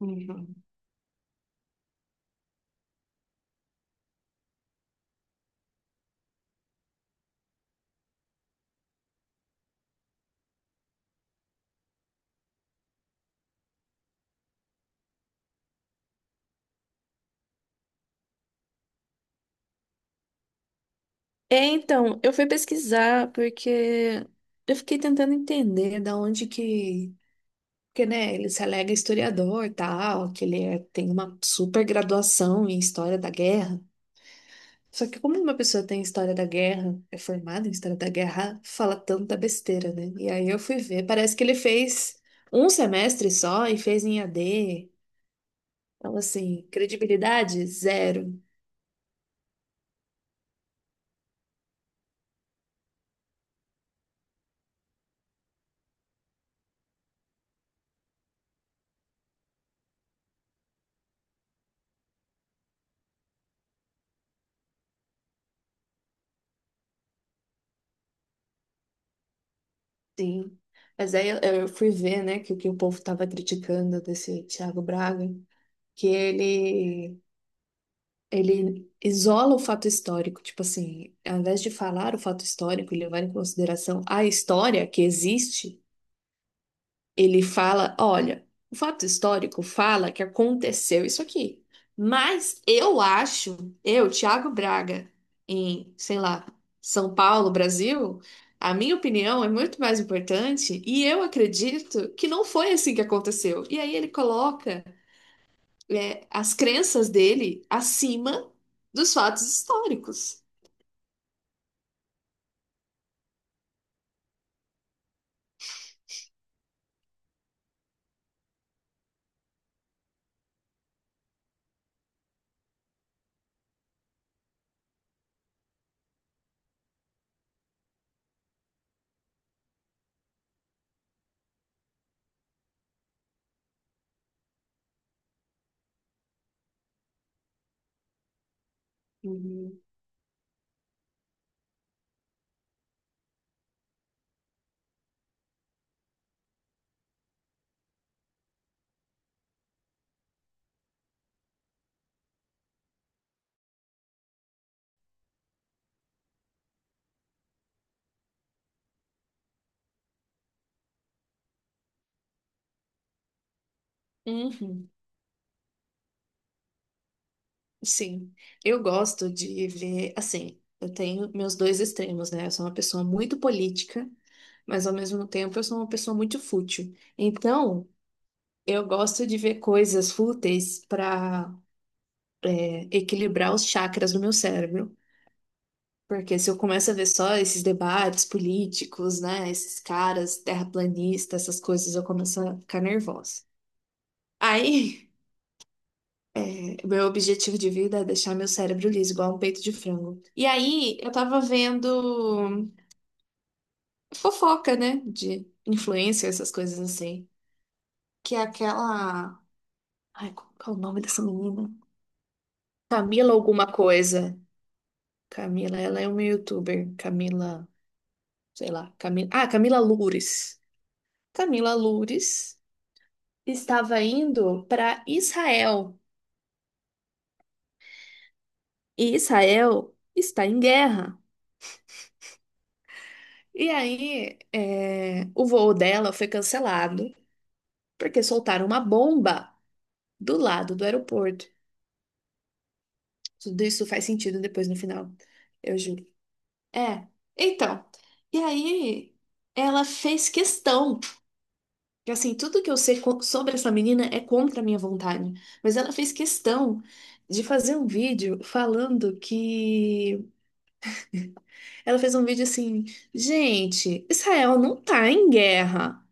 Uhum. É, então, eu fui pesquisar porque eu fiquei tentando entender da onde que. Porque, né, ele se alega historiador e tal, que ele é- tem uma super graduação em história da guerra. Só que, como uma pessoa tem história da guerra, é formada em história da guerra, fala tanta besteira, né? E aí eu fui ver, parece que ele fez um semestre só e fez em AD. Então, assim, credibilidade zero. Sim. Mas aí eu fui ver, né, que o povo estava criticando desse Thiago Braga, que ele, ele isola o fato histórico. Tipo assim, ao invés de falar o fato histórico, ele levar em consideração a história que existe, ele fala, olha, o fato histórico fala que aconteceu isso aqui. Mas eu acho, eu, Thiago Braga, em, sei lá, São Paulo, Brasil, a minha opinião é muito mais importante e eu acredito que não foi assim que aconteceu. E aí ele coloca, é, as crenças dele acima dos fatos históricos. Uhum. Uhum. Sim, eu gosto de ver, assim, eu tenho meus dois extremos, né? Eu sou uma pessoa muito política, mas ao mesmo tempo eu sou uma pessoa muito fútil. Então, eu gosto de ver coisas fúteis para equilibrar os chakras do meu cérebro, porque se eu começo a ver só esses debates políticos, né, esses caras terraplanistas, essas coisas, eu começo a ficar nervosa. Aí é, meu objetivo de vida é deixar meu cérebro liso, igual um peito de frango. E aí, eu tava vendo fofoca, né? De influência essas coisas assim. Que é aquela. Ai, qual é o nome dessa menina? Camila alguma coisa. Camila, ela é uma youtuber. Camila, sei lá. Camila... Ah, Camila Loures. Camila Loures estava indo para Israel. E Israel está em guerra. E aí, é, o voo dela foi cancelado porque soltaram uma bomba do lado do aeroporto. Tudo isso faz sentido depois no final, eu juro. É, então. E aí, ela fez questão. Que, assim, tudo que eu sei co- sobre essa menina é contra a minha vontade, mas ela fez questão de fazer um vídeo falando que. Ela fez um vídeo assim: gente, Israel não tá em guerra.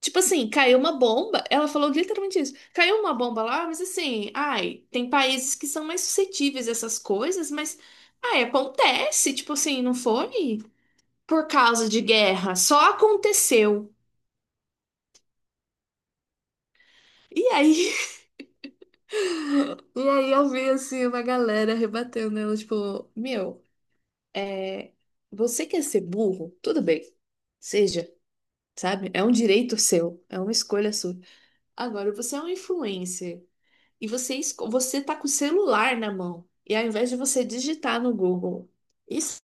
Tipo assim, caiu uma bomba. Ela falou literalmente isso. Caiu uma bomba lá, mas assim, ai, tem países que são mais suscetíveis a essas coisas, mas ai, acontece. Tipo assim, não foi por causa de guerra, só aconteceu. E aí, e aí eu vi assim uma galera rebatendo né, ela, tipo, meu, é, você quer ser burro? Tudo bem. Seja, sabe? É um direito seu, é uma escolha sua. Agora, você é um influencer. E você, esco- você tá com o celular na mão. E ao invés de você digitar no Google, está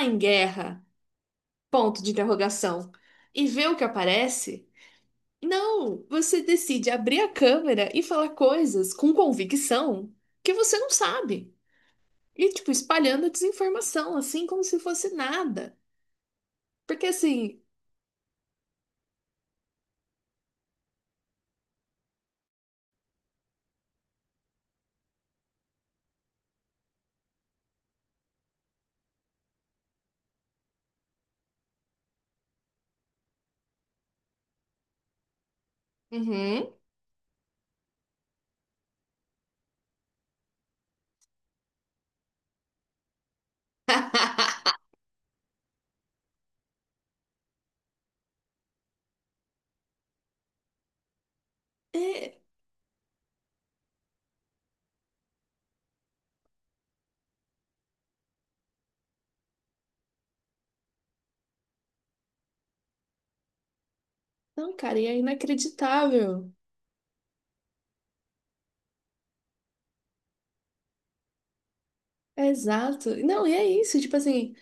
em guerra, ponto de interrogação, e ver o que aparece, não, você decide abrir a câmera e falar coisas com convicção que você não sabe. E, tipo, espalhando a desinformação, assim, como se fosse nada. Porque, assim, uhum. É, não, cara, e é inacreditável. É exato. Não, e é isso, tipo assim.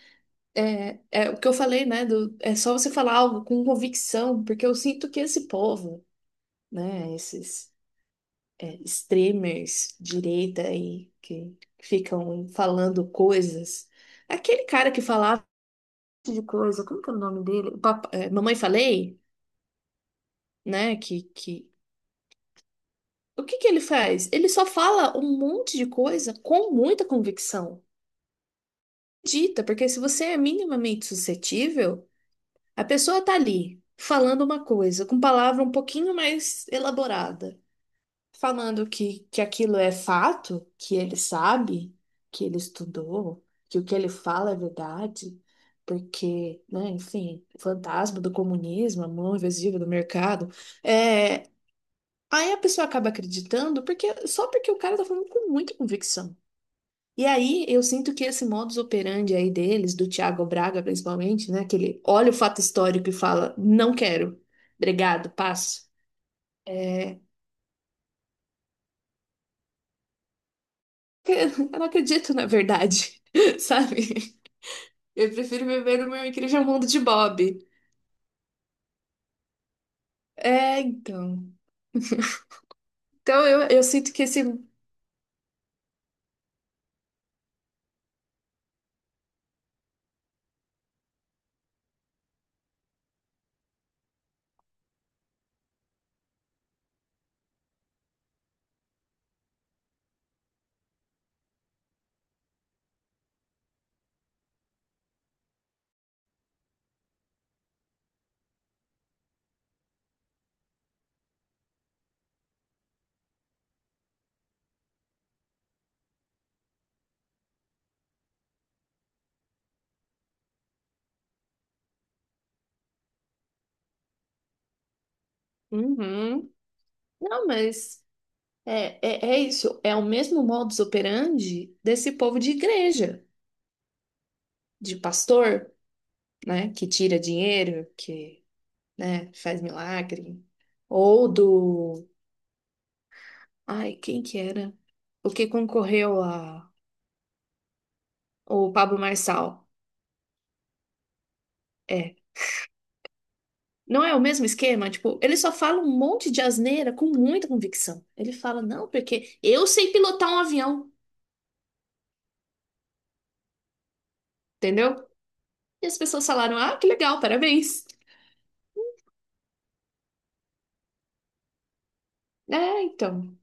É, é o que eu falei, né? Do- é só você falar algo com convicção, porque eu sinto que esse povo, né? Esses é, extremers direita aí que ficam falando coisas. Aquele cara que falava um monte de coisa, como que é o nome dele? O papa- é, Mamãe Falei, né? O que que ele faz? Ele só fala um monte de coisa com muita convicção. Dita, porque se você é minimamente suscetível a pessoa tá ali falando uma coisa com palavra um pouquinho mais elaborada, falando que aquilo é fato, que ele sabe, que ele estudou, que o que ele fala é verdade, porque, né, enfim, o fantasma do comunismo, a mão invisível do mercado. É, aí a pessoa acaba acreditando porque só porque o cara tá falando com muita convicção. E aí, eu sinto que esse modus operandi aí deles, do Thiago Braga principalmente, né? Que ele olha o fato histórico e fala, não quero, obrigado, passo. É... Eu não acredito na verdade, sabe? Eu prefiro viver no meu incrível mundo de Bob. É, então. Então, eu sinto que esse... Uhum. Não, mas é, é, é isso. É o mesmo modus operandi desse povo de igreja, de pastor, né? Que tira dinheiro, que né? Faz milagre. Ou do. Ai, quem que era? O que concorreu a. O Pablo Marçal. É. Não é o mesmo esquema? Tipo, ele só fala um monte de asneira com muita convicção. Ele fala, não, porque eu sei pilotar um avião, entendeu? E as pessoas falaram, ah, que legal, parabéns. É, então.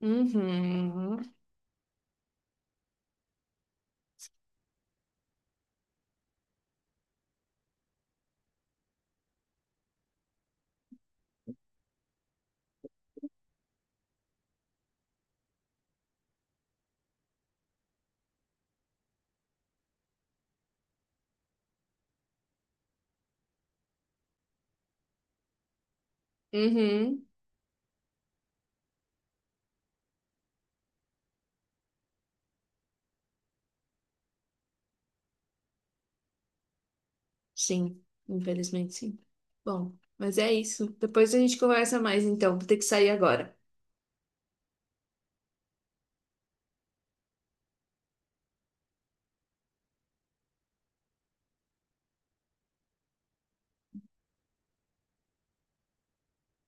Uhum. Uhum. Sim, infelizmente sim. Bom, mas é isso. Depois a gente conversa mais, então. Vou ter que sair agora.